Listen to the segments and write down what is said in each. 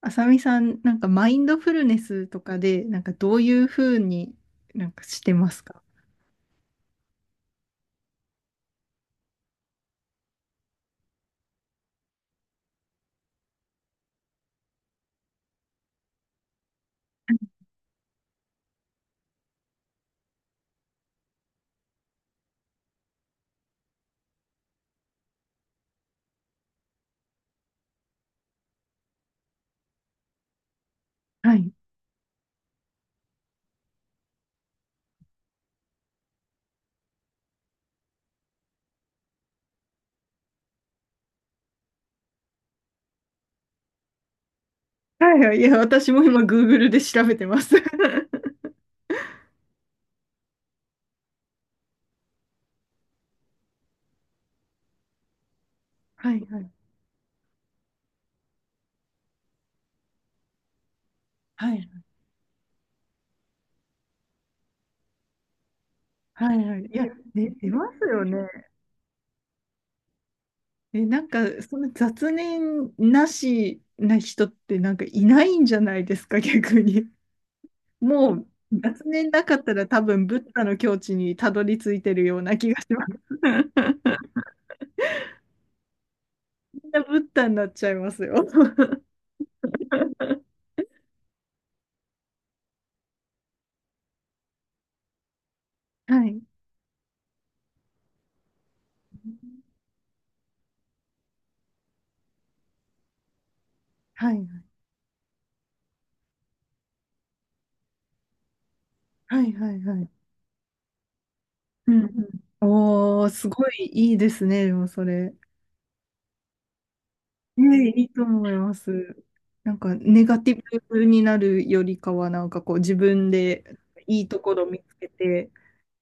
あさみさん、マインドフルネスとかで、どういうふうにしてますか？はい。はいはい。いや、私も今、Google で調べてます。はいはい。はいはい。はいはい。いや、出ますよね。え、なんか、その雑念なしな人ってなんかいないんじゃないですか、逆に。もう、雑念なかったら多分、ブッダの境地にたどり着いてるような気がします。みんなブッダになっちゃいますよ。はい。はいはいはいはいはい。うんうん。おー、すごいいいですね、でもそれ。ね、いいと思います。なんか、ネガティブになるよりかは、なんかこう、自分でいいところ見つけて、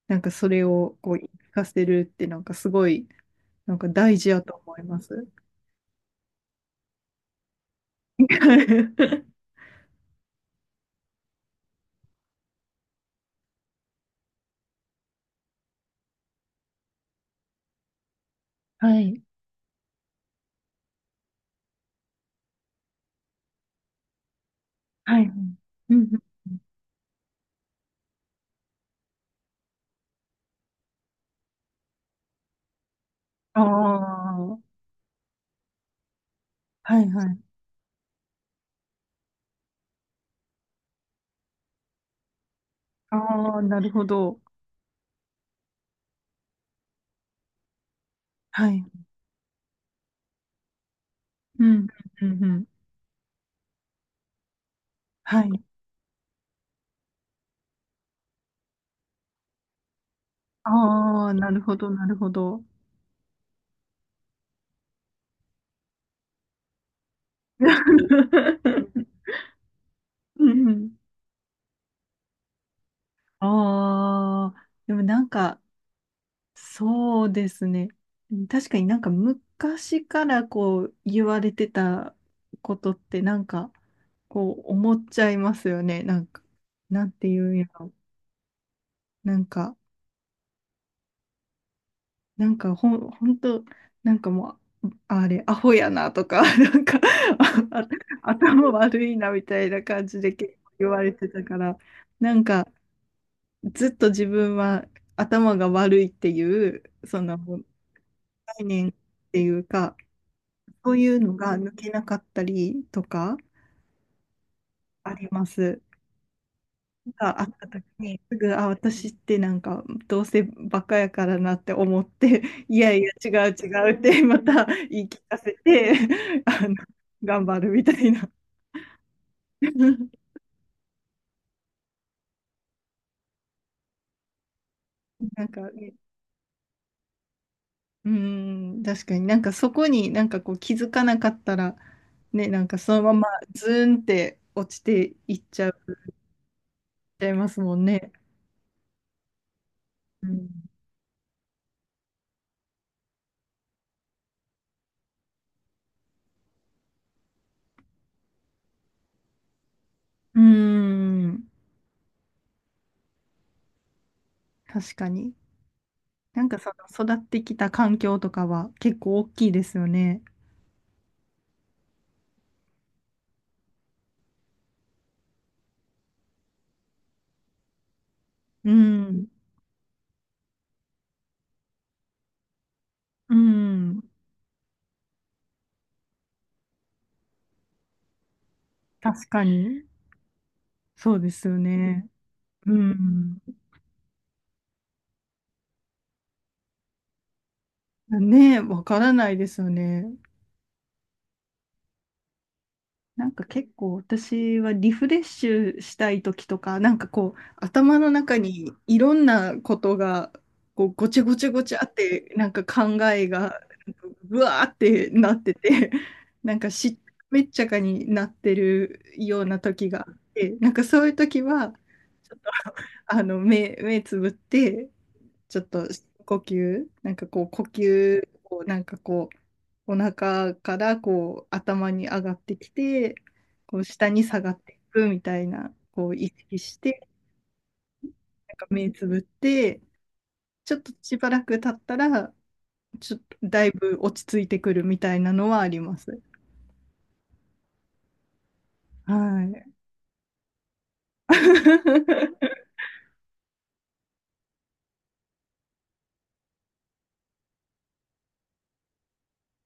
なんかそれをこう、活かせるって、なんかすごい、なんか大事やと思います。はい。はい。うんうん。ああ、はいはい。ああ、なるほど。はい。うん、うん、うん。うん、はい。ああ、なるほど、なるほど。うん、ああー、でもなんか、そうですね。確かになんか昔からこう言われてたことってなんかこう思っちゃいますよね。なんか、なんていうんやろ。なんか、ほんと、なんかもう、あれ、アホやなとか、なんかあ あ頭悪いなみたいな感じで結構言われてたから、なんか、ずっと自分は頭が悪いっていう、その概念っていうか、そういうのが抜けなかったりとかあります。があった時に、すぐ、あ、私ってなんか、どうせバカやからなって思って、いやいや、違う違うって、また言い聞かせて、あの、頑張るみたいな。なんかね、うーん、確かになんかそこになんかこう気づかなかったら、ね、なんかそのままズーンって落ちていっちゃう、いっちゃいますもんね。うん。うーん、確かに。なんかその育ってきた環境とかは結構大きいですよね。うん。うん。確かに。そうですよね。うん。ね、わからないですよね。なんか結構私はリフレッシュしたい時とか、なんかこう頭の中にいろんなことがこうごちゃごちゃごちゃって、なんか考えがなぶわーってなってて、なんかしっめっちゃかになってるような時があって、なんかそういう時は、ちょっとあの目つぶって、ちょっと深呼吸、なんかこう呼吸をなんかこう、お腹からこう頭に上がってきて、こう下に下がっていくみたいな、こう意識して、なんか目つぶって、ちょっとしばらく経ったら、ちょっとだいぶ落ち着いてくるみたいなのはあります。はい。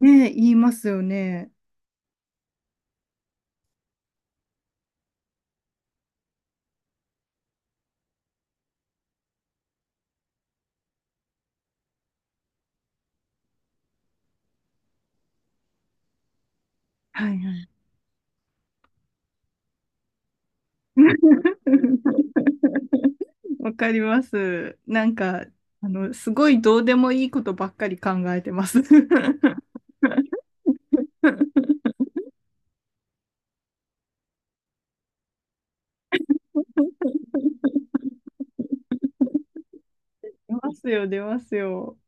ねえ、言いますよね。はいはい。わかります。なんか、あの、すごいどうでもいいことばっかり考えてます。出ますよ、出ますよ。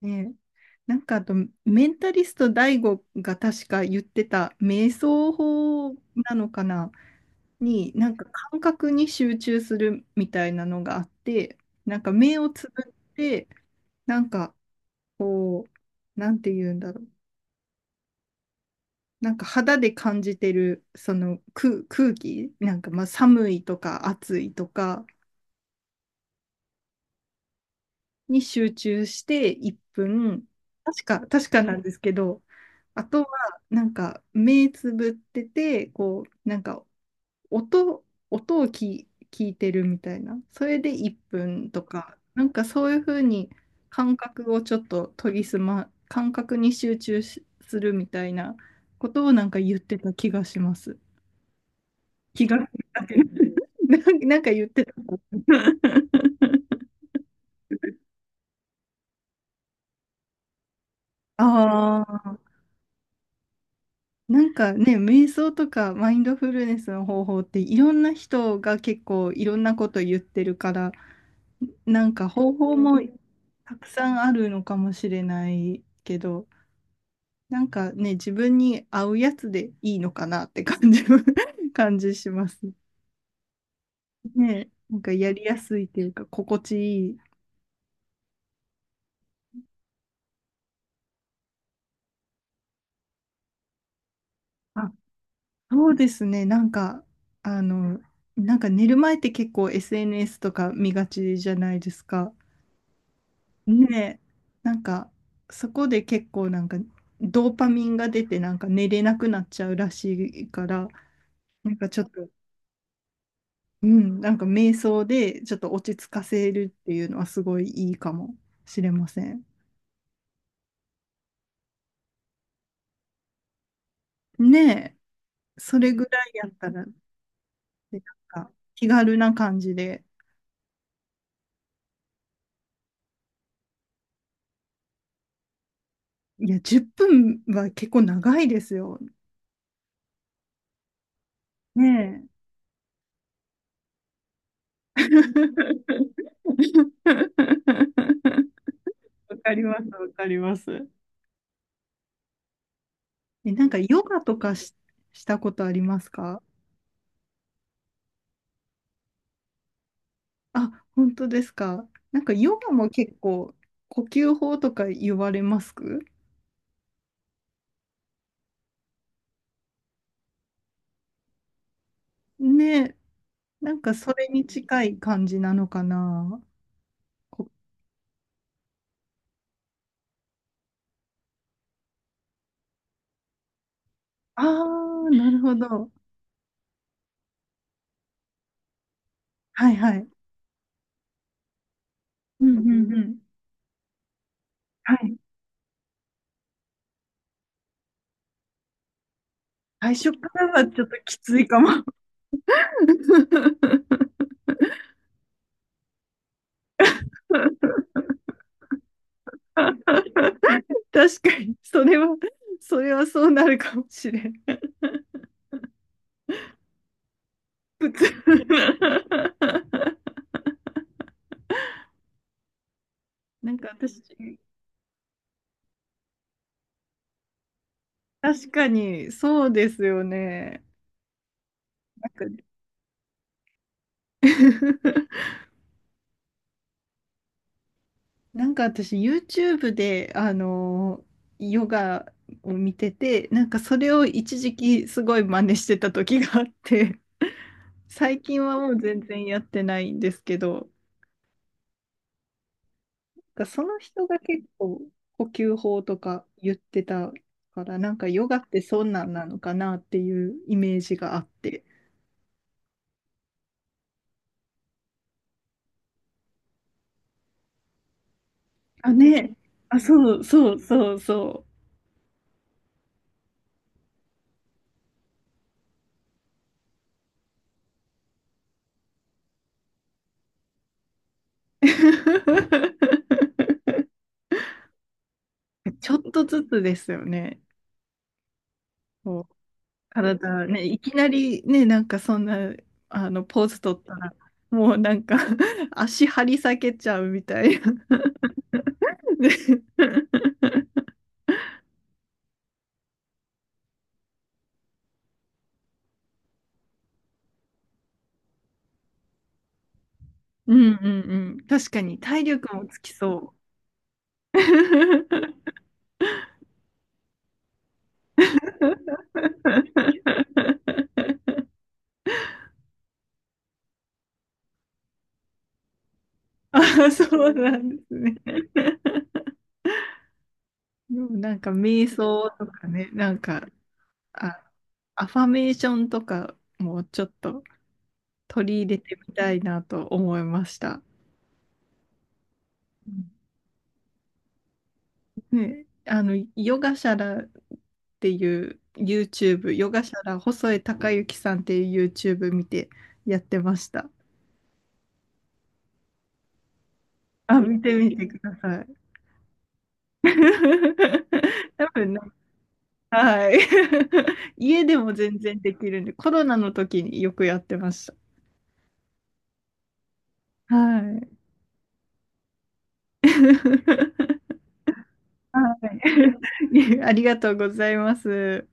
ね、なんかあと、メンタリストダイゴが確か言ってた瞑想法なのかなに、なんか感覚に集中するみたいなのがあって、なんか目をつぶって、なんかこう、なんて言うんだろう。なんか肌で感じてるその空気、なんかまあ寒いとか暑いとか、に集中して1分、確か、確かなんですけど、あとは、なんか、目つぶってて、こう、なんか、音、音を聞いてるみたいな、それで1分とか、なんかそういうふうに感覚をちょっと研ぎ澄ま、感覚に集中しするみたいなことをなんか言ってた気がします。気が、なんか なんか言ってた。あ、なんかね、瞑想とかマインドフルネスの方法っていろんな人が結構いろんなこと言ってるから、なんか方法もたくさんあるのかもしれないけど、なんかね、自分に合うやつでいいのかなって感じ、感じします。ね、なんかやりやすいっていうか、心地いい。あ、そうですね、なんか、あの、なんか寝る前って結構 SNS とか見がちじゃないですか。ねえ、なんか、そこで結構なんか、ドーパミンが出て、なんか寝れなくなっちゃうらしいから、なんかちょっと、うん、なんか瞑想でちょっと落ち着かせるっていうのはすごいいいかもしれません。ねえ、それぐらいやったら、で、なんか気軽な感じで、いや、10分は結構長いですよ。ねえ。わかります、わかります。え、なんかヨガとかし、したことありますか？あ、本当ですか。なんかヨガも結構呼吸法とか言われます。ね、なんかそれに近い感じなのかな。こ、ああ、なるほど。はいはい。うんうんうん。はい。最初からはちょっときついかも。確かに、それはそうなるかもしれん。なんか私、確かに、そうですよね。なんか なんか私、YouTube で、あの、ヨガを見てて、なんかそれを一時期すごい真似してた時があって、最近はもう全然やってないんですけど、なんかその人が結構呼吸法とか言ってたから、なんかヨガってそんなんなのかなっていうイメージがあって。あ、ね。あ、そうそうそうそう。ちょっとずつですよね。こう体ね、いきなりね、なんかそんな、あの、ポーズ取ったら、もうなんか 足張り裂けちゃうみたいな。ね、うんうんうん。確かに、体力もつきそう。あ、そうなんですね。でもなんか、瞑想とかね、なんか、あ、アファメーションとかもちょっと取り入れてみたいなと思いました。ね、あの、ヨガシャラっていう YouTube、ヨガシャラ細江貴之さんっていう YouTube 見てやってました。あ、見てみてください。多分ね、はい。家でも全然できるんで、コロナの時によくやってました。はい。はい。ありがとうございます。